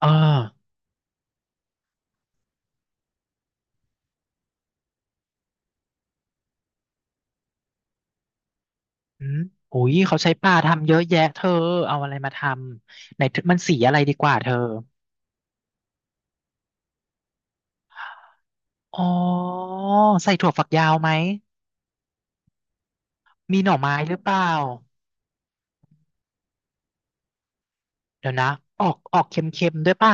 เอออืมโอ้ยเขาใช้ปลาทำเยอะแยะเธอ เอาอะไรมาทำไหนมันสีอะไรดีกว่าเธอ อ๋อใส่ถั่วฝักยาวไหม มีหน่อไม้หรือเปล่า เดี๋ยวนะ ออกเค็มๆด้วยป่ะ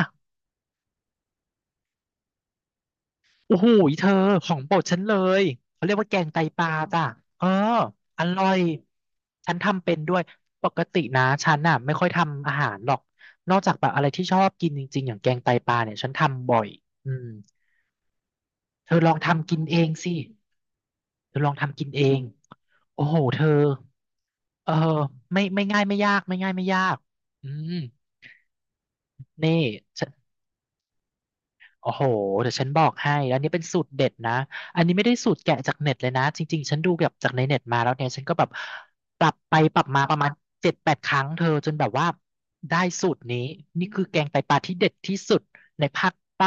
โอ้โหเธอของโปรดฉันเลย เขาเรียกว่าแกงไตปลาจ้ะเอออร่อยฉันทำเป็นด้วย ปกตินะฉันน่ะไม่ค่อยทำอาหารหรอก นอกจากแบบอะไรที่ชอบกินจริงๆอย่างแกงไตปลาเนี่ยฉันทำบ่อยอืมเธอลองทำกินเองสิ เธอลองทำกินเองโอ้โหเธอเออไม่ง่ายไม่ยากไม่ง่ายไม่ยากอืมนี่ฉันโอ้โหเดี๋ยวฉันบอกให้แล้วอันนี้เป็นสูตรเด็ดนะอันนี้ไม่ได้สูตรแกะจากเน็ตเลยนะจริงๆฉันดูแบบจากในเน็ตมาแล้วเนี่ยฉันก็แบบปรับไปปรับมาประมาณ7-8 ครั้งเธอจนแบบว่าได้สูตรนี้นี่คือแกงไตปลาที่เด็ดที่สุดในภาคใต้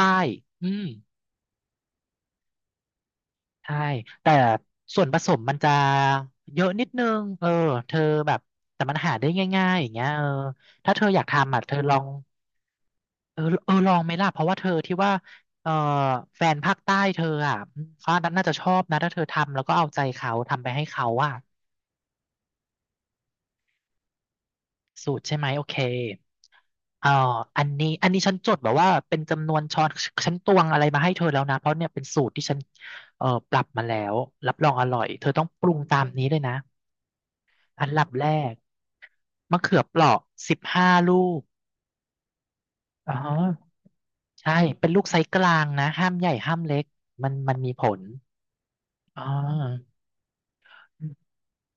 อืม ใช่แต่ส่วนผสมมันจะเยอะนิดนึงเออเธอแบบแต่มันหาได้ง่ายๆอย่างเงี้ยเออถ้าเธออยากทำอ่ะเธอลองเออเออลองไหมล่ะเพราะว่าเธอที่ว่าเออแฟนภาคใต้เธออ่ะเขาน่าจะชอบนะถ้าเธอทำแล้วก็เอาใจเขาทำไปให้เขาอ่ะสูตรใช่ไหมโอเคเอออันนี้อันนี้ฉันจดแบบว่าเป็นจำนวนช้อนฉันตวงอะไรมาให้เธอแล้วนะเพราะเนี่ยเป็นสูตรที่ฉันเออปรับมาแล้วรับรองอร่อยเธอต้องปรุงตามนี้เลยนะ อันดับแรกมะเขือเปราะ15 ลูกอ๋อใช่เป็นลูกไซส์กลางนะห้ามใหญ่ห้ามเล็กมันมีผลอ๋อ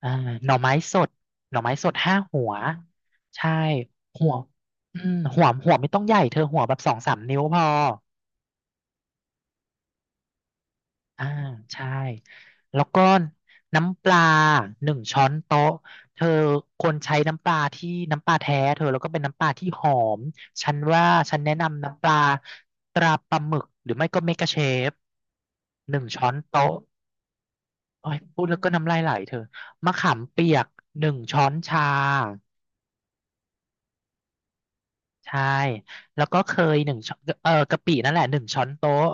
อ่าหน่อไม้สดหน่อไม้สด5 หัวใช่หัวอืมหัวไม่ต้องใหญ่เธอหัวแบบ2-3 นิ้วพอ อ่าใช่แล้วก็น้ำปลาหนึ่งช้อนโต๊ะเธอควรใช้น้ำปลาที่น้ำปลาแท้เธอแล้วก็เป็นน้ำปลาที่หอมฉันว่าฉันแนะนำน้ำปลาตราปลาหมึกหรือไม่ก็เมกะเชฟหนึ่งช้อนโต๊ะโอ้ยพูดแล้วก็น้ำลายไหลเธอมะขามเปียกหนึ่งช้อนชาใช่แล้วก็เคยหนึ่งช้อนเออกะปินั่นแหละหนึ่งช้อนโต๊ะ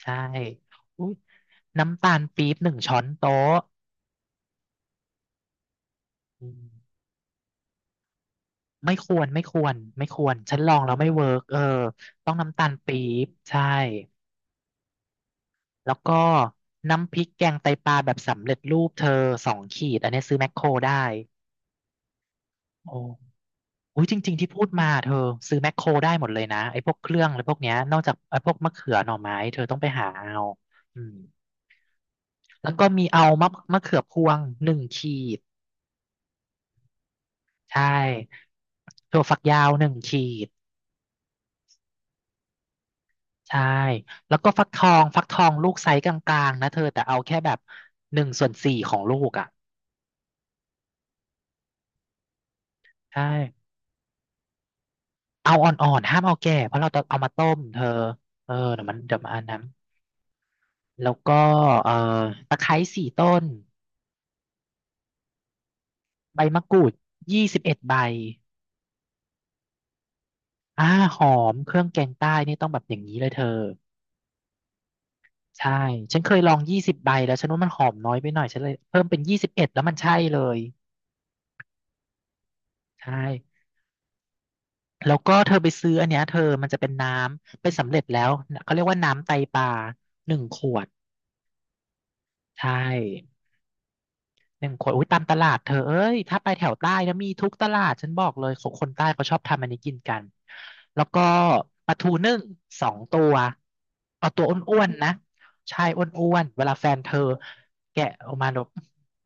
ใช่อุ๊ยน้ำตาลปี๊บหนึ่งช้อนโต๊ะอืม ไม่ควรไม่ควรไม่ควรฉันลองแล้วไม่เวิร์กเออต้องน้ำตาลปี๊บใช่แล้วก็น้ำพริกแกงไตปลาแบบสำเร็จรูปเธอ2 ขีดอันนี้ซื้อแมคโครได้โอ้อุ้ยจริงๆที่พูดมาเธอซื้อแมคโครได้หมดเลยนะไอ้พวกเครื่องอะไรพวกเนี้ยนอกจากไอ้พวกมะเขือหน่อไม้เธอต้องไปหาเอาอืมแล้วก็มีเอามะเขือพวงหนึ่งขีดใช่ถั่วฝักยาวหนึ่งขีด ใช่ แล้วก็ฟักทอง ฟักทองลูกไซส์กลางๆนะเธอ แต่เอาแค่แบบ1/4ของลูกอ่ะใช่เอาอ่อนๆห้ามเอาแก่ เพราะเราจะเอามาต้มเธอเออเดี๋ยวมันเดี๋ยวมานอันนั้นแล้วก็เอ่อตะไคร้4 ต้นใบมะกรูด21 ใบอ่าหอมเครื่องแกงใต้นี่ต้องแบบอย่างนี้เลยเธอ ใช่ ฉันเคยลอง20 ใบแล้วฉันว่ามันหอมน้อยไปหน่อยฉันเลยเพิ่มเป็นยี่สิบเอ็ดแล้วมันใช่เลยใช่ แล้วก็เธอไปซื้ออันเนี้ยเธอมันจะเป็นน้ำเป็นสำเร็จแล้วเขาเรียกว่าน้ำไตปลาหนึ่งขวดใช่หนึ่งขวดอุ้ยตามตลาดเธอเอ้ยถ้าไปแถวใต้นะมีทุกตลาดฉันบอกเลยของคนใต้เขาชอบทำอันนี้กินกันแล้วก็ปลาทูนึ่ง2 ตัวเอาตัวอ้วนๆนะใช่อ้วนๆเวลาแฟนเธอแกะออกมาแบบ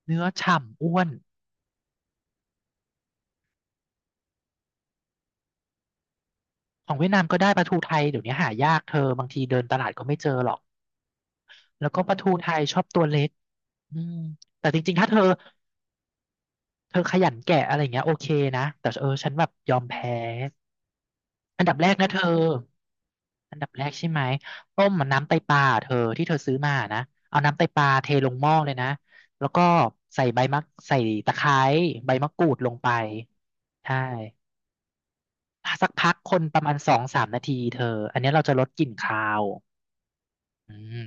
เนื้อฉ่ำอ้วนของเวียดนามก็ได้ปลาทูไทยเดี๋ยวนี้หายากเธอบางทีเดินตลาดก็ไม่เจอหรอกแล้วก็ปลาทูไทยชอบตัวเล็ก อืมแต่จริงๆ ถ้าเธอเธอขยันแกะอะไรอย่างเงี้ยโอเคนะแต่เออฉันแบบยอมแพ้อันดับแรกนะเธออันดับแรกใช่ไหมต้มมันน้ำไตปลาเธอที่เธอซื้อมานะเอาน้ำไตปลาเทลงหม้อเลยนะแล้วก็ใส่ใบมะใส่ตะไคร้ใบมะกรูดลงไปใช่สักพักคนประมาณ2-3 นาทีเธออันนี้เราจะลดกลิ่นคาวอืม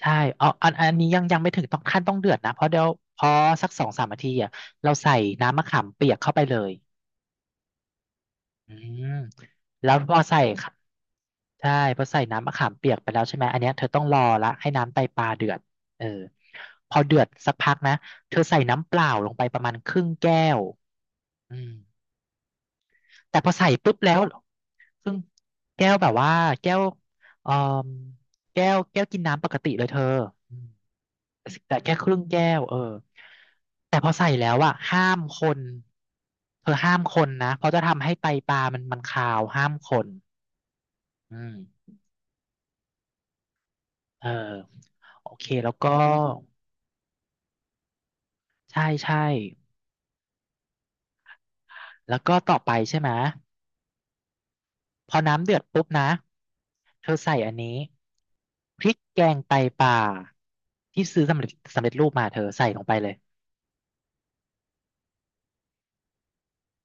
ใช่เอาอันนี้ยังไม่ถึงต้องขั้นต้องเดือดนะ เพราะเดี๋ยวพอสักสองสามนาทีอ่ะเราใส่น้ำมะขามเปียกเข้าไปเลยอืมแล้วพอใส่ค่ะใช่พอใส่น้ำมะขามเปียกไปแล้วใช่ไหมอันเนี้ยเธอต้องรอละให้น้ำไตปลาเดือดเออพอเดือดสักพักนะเธอใส่น้ำเปล่าลงไปประมาณครึ่งแก้วอืมแต่พอใส่ปุ๊บแล้วครึ่งแก้วแบบว่าแก้วเอ่อแก้วกินน้ำปกติเลยเธออืม แต่แค่ครึ่งแก้วเออแต่พอใส่แล้วอะห้ามคนเธอห้ามคนนะเพราะจะทำให้ไตปลามันคาวห้ามคนอืมเออโอเคแล้วก็ใช่ใช่แล้วก็ต่อไปใช่ไหมพอน้ำเดือดปุ๊บนะเธอใส่อันนี้พริกแกงไตปลาที่ซื้อสำเร็จรูปมาเธอใส่ลงไปเลย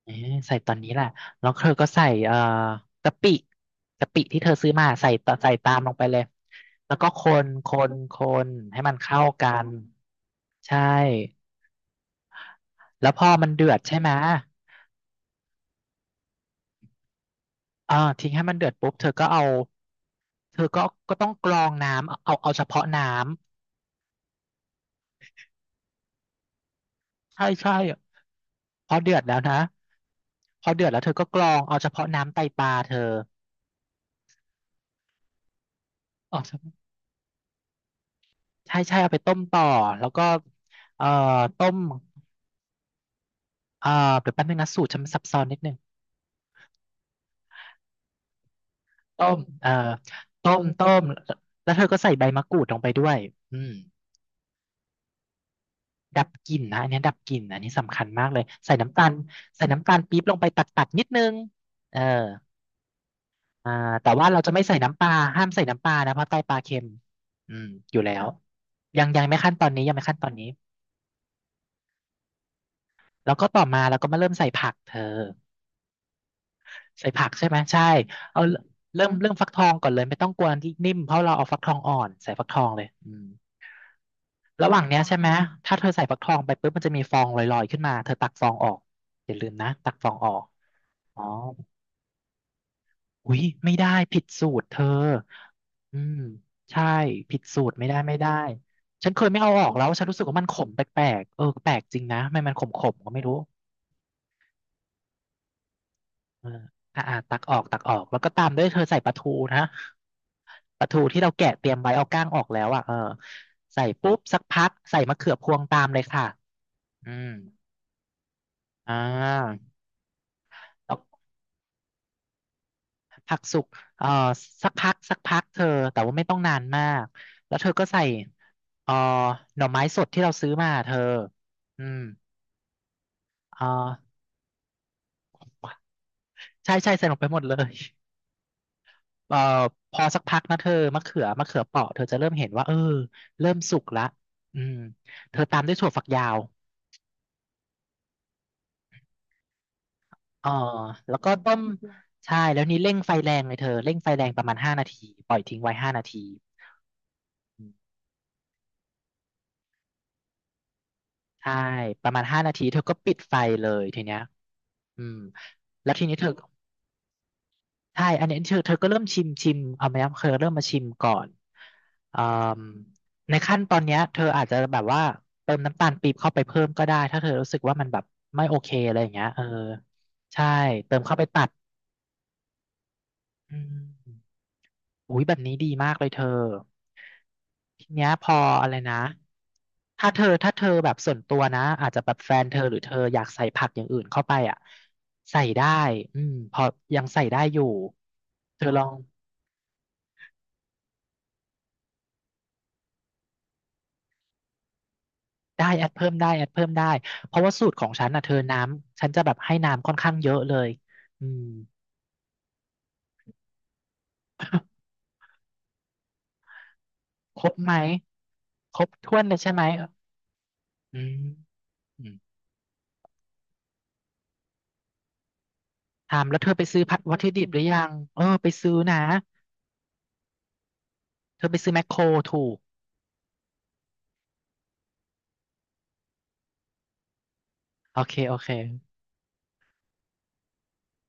เอ๊ะใส่ตอนนี้แหละแล้วเธอก็ใส่กะปิกะปิที่เธอซื้อมาใส่ตามลงไปเลยแล้วก็คนให้มันเข้ากันใช่แล้วพอมันเดือดใช่ไหมเออทิ้งให้มันเดือดปุ๊บเธอก็เอาเธอก็ต้องกรองน้ำเอาเฉพาะน้ำใช่ใช่พอเดือดแล้วนะพอเดือดแล้วเธอก็กรองเอาเฉพาะน้ำไตปลาเธอเอาอใช่ใช่เอาไปต้มต่อแล้วก็เอ่อต้ม เอ่อเดี๋ยวแป๊บนึงนะสูตรฉันซับซ้อนนิดนึงต้มเอ่อต้มแล้วเธอก็ใส่ใบมะกรูดลงไปด้วยอืมดับกลิ่นนะอันนี้ดับกลิ่นอันนี้สำคัญมากเลยใส่น้ำตาลปี๊บลงไปตัดนิดนึงเอออ่าแต่ว่าเราจะไม่ใส่น้ำปลาห้ามใส่น้ำปลานะเพราะใตปลาเค็มอืมอยู่แล้วยังไม่ขั้นตอนนี้ยังไม่ขั้นตอนนี้แล้วก็ต่อมาเราก็มาเริ่มใส่ผักเธอใส่ผักใช่ไหมใช่เอาเริ่มฟักทองก่อนเลยไม่ต้องกลัวที่นิ่มเพราะเราเอาฟักทองอ่อนใส่ฟักทองเลยอืม ระหว่างเนี้ยใช่ไหมถ้าเธอใส่ฟักทองไปปุ๊บมันจะมีฟองลอยๆขึ้นมาเธอตักฟองออกอย่าลืมนะตักฟองออกอ๋ออุ๊ยไม่ได้ผิดสูตรเธออืมใช่ผิดสูตรไม่ได้ไม่ได้ฉันเคยไม่เอาออกแล้วฉันรู้สึกว่ามันขมแปลกๆเออแปลกจริงนะไม่มันขมๆก็ไม่รู้เอออ่าอ่าตักออกตักออกแล้วก็ตามด้วยเธอใส่ปลาทูนะปลาทูที่เราแกะเตรียมไว้เอาก้างออกแล้วอ่ะเออใส่ปุ๊บสักพักใส่มะเขือพวงตามเลยค่ะอืมอ่า ผักสุกเอ่อสักพักสักพักเธอแต่ว่าไม่ต้องนานมากแล้วเธอก็ใส่เอ่อหน่อไม้สดที่เราซื้อมาเธออืมเอ่อใช่ใช่ใส่ลงไปหมดเลยเอ่อพอสักพักนะเธอมะเขือเปราะเธอจะเริ่มเห็นว่าเออเริ่มสุกละอืมเธอตามด้วยถั่วฝักยาวเอ่อแล้วก็ต้มใช่แล้วนี่เร่งไฟแรงเลยเธอเร่งไฟแรงประมาณห้านาทีปล่อยทิ้งไว้ห้านาที ใช่ประมาณ5 นาทีเธอก็ปิดไฟเลยทีเนี้ยอืมแล้วทีนี้เธอใช่อันนี้เธอก็เริ่มชิมชิมเอาไหมครับเธอเริ่มมาชิมก่อนอืมในขั้นตอนเนี้ยเธออาจจะแบบว่าเติมน้ำตาลปี๊บเข้าไปเพิ่มก็ได้ถ้าเธอรู้สึกว่ามันแบบไม่โอเคอะไรอย่างเงี้ยเออใช่เติมเข้าไปตัดอืม อุ้ยแบบนี้ดีมากเลยเธอทีเนี้ยพออะไรนะถ้าเธอแบบส่วนตัวนะอาจจะแบบแฟนเธอหรือเธออยากใส่ผักอย่างอื่นเข้าไปอ่ะใส่ได้อืมพอยังใส่ได้อยู่เธอลองได้แอดเพิ่มได้แอดเพิ่มได้เพราะว่าสูตรของฉันอ่ะเธอน้ำฉันจะแบบให้น้ำค่อนข้างเยอะเลยอืมครบไหมครบถ้วนเลยใช่ไหมอืมอืมถามแล้วเธอไปซื้อผัดวัตถุดิบหรือยังเออไปซื้อนะเธอไปซื้อแมคโครถูก โอเค โอเค